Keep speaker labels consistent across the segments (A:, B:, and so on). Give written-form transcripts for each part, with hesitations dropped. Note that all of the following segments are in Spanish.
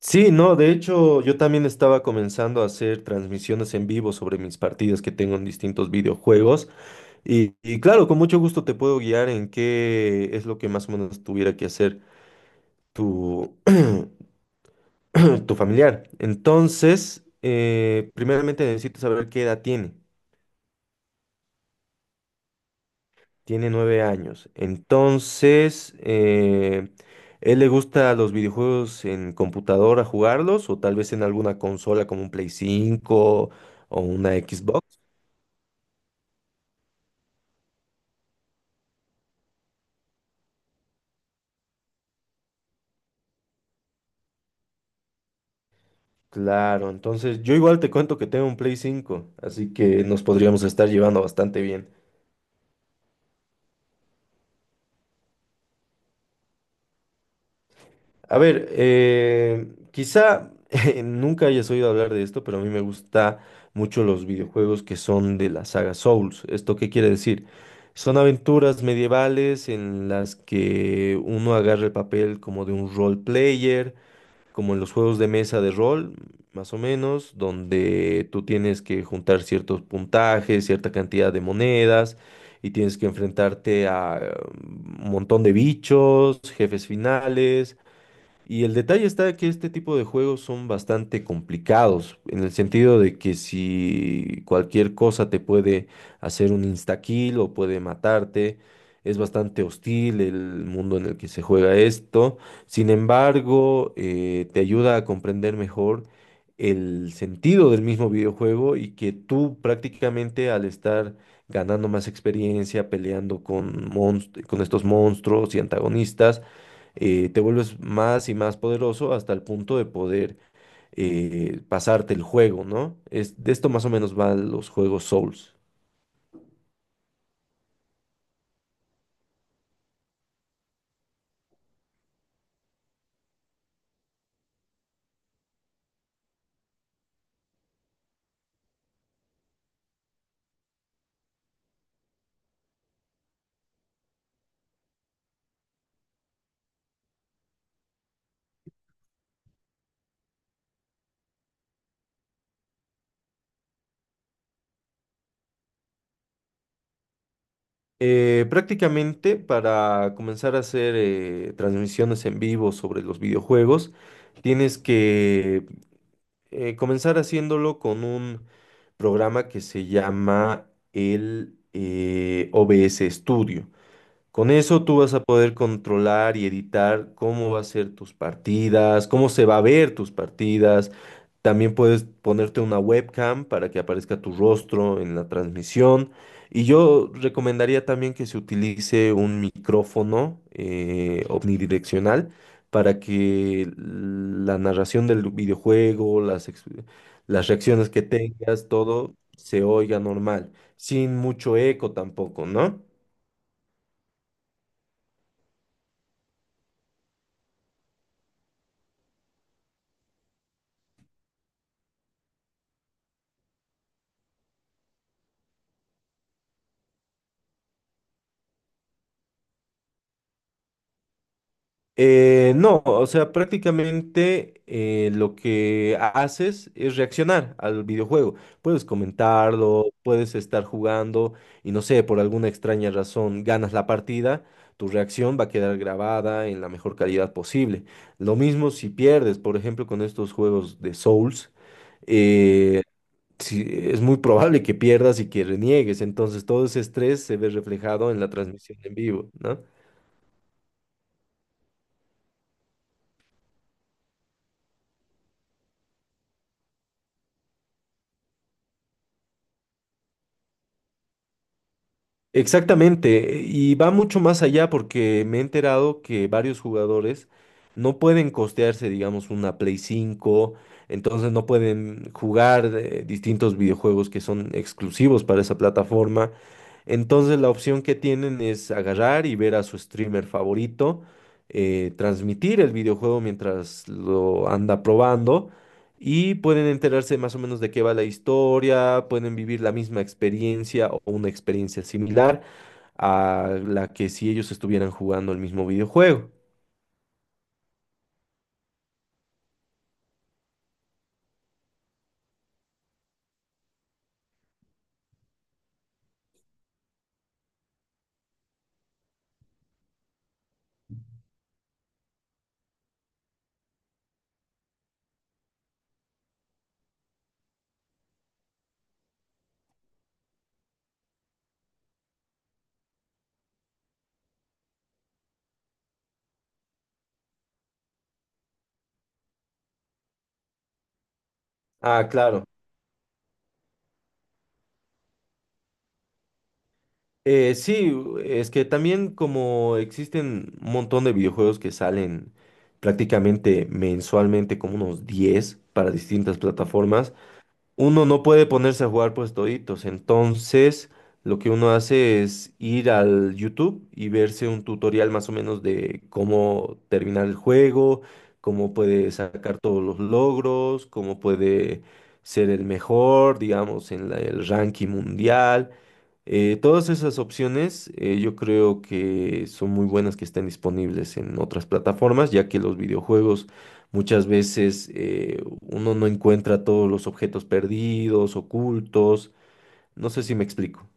A: Sí, no, de hecho yo también estaba comenzando a hacer transmisiones en vivo sobre mis partidas que tengo en distintos videojuegos y claro, con mucho gusto te puedo guiar en qué es lo que más o menos tuviera que hacer tu, tu familiar. Entonces, primeramente necesito saber qué edad tiene. Tiene nueve años. Entonces, ¿él le gusta los videojuegos en computadora jugarlos o tal vez en alguna consola como un Play 5 o una Xbox? Claro, entonces yo igual te cuento que tengo un Play 5, así que nos podríamos estar llevando bastante bien. A ver, quizá nunca hayas oído hablar de esto, pero a mí me gusta mucho los videojuegos que son de la saga Souls. ¿Esto qué quiere decir? Son aventuras medievales en las que uno agarra el papel como de un role player como en los juegos de mesa de rol, más o menos, donde tú tienes que juntar ciertos puntajes, cierta cantidad de monedas, y tienes que enfrentarte a un montón de bichos, jefes finales, y el detalle está que este tipo de juegos son bastante complicados, en el sentido de que si cualquier cosa te puede hacer un instakill o puede matarte, es bastante hostil el mundo en el que se juega esto. Sin embargo, te ayuda a comprender mejor el sentido del mismo videojuego y que tú prácticamente al estar ganando más experiencia, peleando con con estos monstruos y antagonistas, te vuelves más y más poderoso hasta el punto de poder pasarte el juego, ¿no? Es, de esto más o menos van los juegos Souls. Prácticamente para comenzar a hacer transmisiones en vivo sobre los videojuegos, tienes que comenzar haciéndolo con un programa que se llama el OBS Studio. Con eso tú vas a poder controlar y editar cómo va a ser tus partidas, cómo se va a ver tus partidas. También puedes ponerte una webcam para que aparezca tu rostro en la transmisión. Y yo recomendaría también que se utilice un micrófono omnidireccional para que la narración del videojuego, las, las reacciones que tengas, todo se oiga normal, sin mucho eco tampoco, ¿no? No, o sea, prácticamente lo que haces es reaccionar al videojuego. Puedes comentarlo, puedes estar jugando y no sé, por alguna extraña razón ganas la partida, tu reacción va a quedar grabada en la mejor calidad posible. Lo mismo si pierdes, por ejemplo, con estos juegos de Souls, eh, sí, es muy probable que pierdas y que reniegues, entonces todo ese estrés se ve reflejado en la transmisión en vivo, ¿no? Exactamente, y va mucho más allá porque me he enterado que varios jugadores no pueden costearse, digamos, una Play cinco, entonces no pueden jugar distintos videojuegos que son exclusivos para esa plataforma. Entonces la opción que tienen es agarrar y ver a su streamer favorito, transmitir el videojuego mientras lo anda probando y pueden enterarse más o menos de qué va la historia, pueden vivir la misma experiencia o una experiencia similar a la que si ellos estuvieran jugando el mismo videojuego. Ah, claro. Sí, es que también como existen un montón de videojuegos que salen prácticamente mensualmente, como unos 10 para distintas plataformas, uno no puede ponerse a jugar pues toditos. Entonces, lo que uno hace es ir al YouTube y verse un tutorial más o menos de cómo terminar el juego, cómo puede sacar todos los logros, cómo puede ser el mejor, digamos, en el ranking mundial. Todas esas opciones yo creo que son muy buenas que estén disponibles en otras plataformas, ya que los videojuegos muchas veces uno no encuentra todos los objetos perdidos, ocultos. No sé si me explico.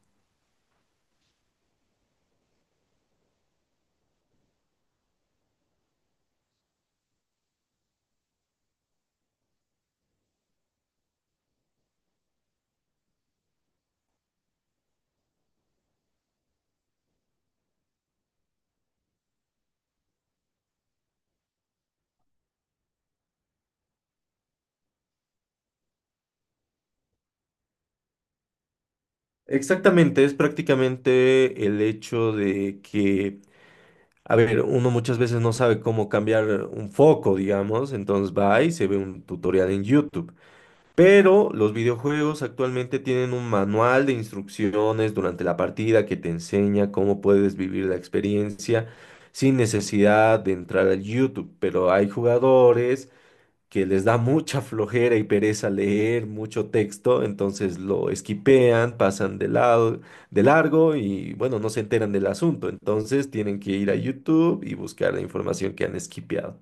A: Exactamente, es prácticamente el hecho de que, a ver, uno muchas veces no sabe cómo cambiar un foco, digamos, entonces va y se ve un tutorial en YouTube. Pero los videojuegos actualmente tienen un manual de instrucciones durante la partida que te enseña cómo puedes vivir la experiencia sin necesidad de entrar al YouTube. Pero hay jugadores que les da mucha flojera y pereza leer mucho texto, entonces lo esquipean, pasan de lado, de largo y bueno, no se enteran del asunto. Entonces tienen que ir a YouTube y buscar la información que han esquipeado.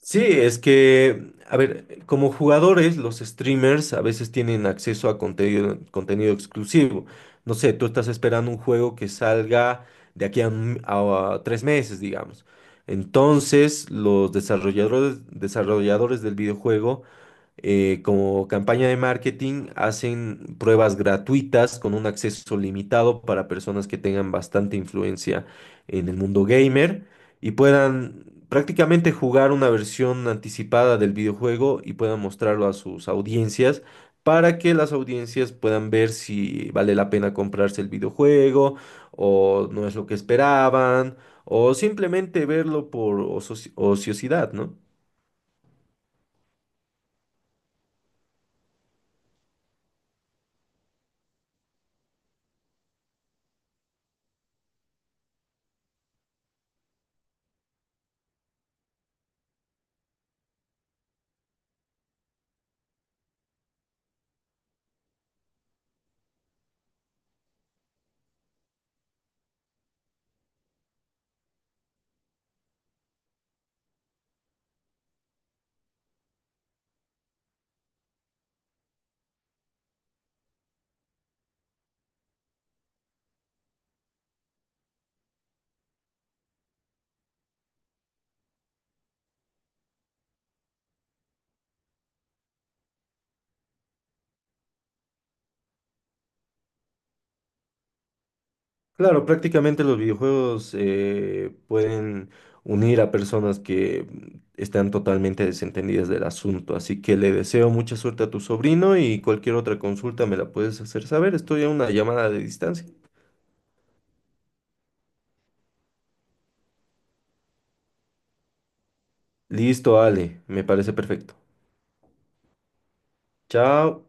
A: Sí, es que, a ver, como jugadores, los streamers a veces tienen acceso a contenido, contenido exclusivo. No sé, tú estás esperando un juego que salga de aquí a, a 3 meses, digamos. Entonces, desarrolladores del videojuego como campaña de marketing, hacen pruebas gratuitas con un acceso limitado para personas que tengan bastante influencia en el mundo gamer y puedan prácticamente jugar una versión anticipada del videojuego y puedan mostrarlo a sus audiencias para que las audiencias puedan ver si vale la pena comprarse el videojuego o no es lo que esperaban o simplemente verlo por ociosidad, ¿no? Claro, prácticamente los videojuegos pueden unir a personas que están totalmente desentendidas del asunto, así que le deseo mucha suerte a tu sobrino y cualquier otra consulta me la puedes hacer saber, estoy a una llamada de distancia. Listo, Ale, me parece perfecto. Chao.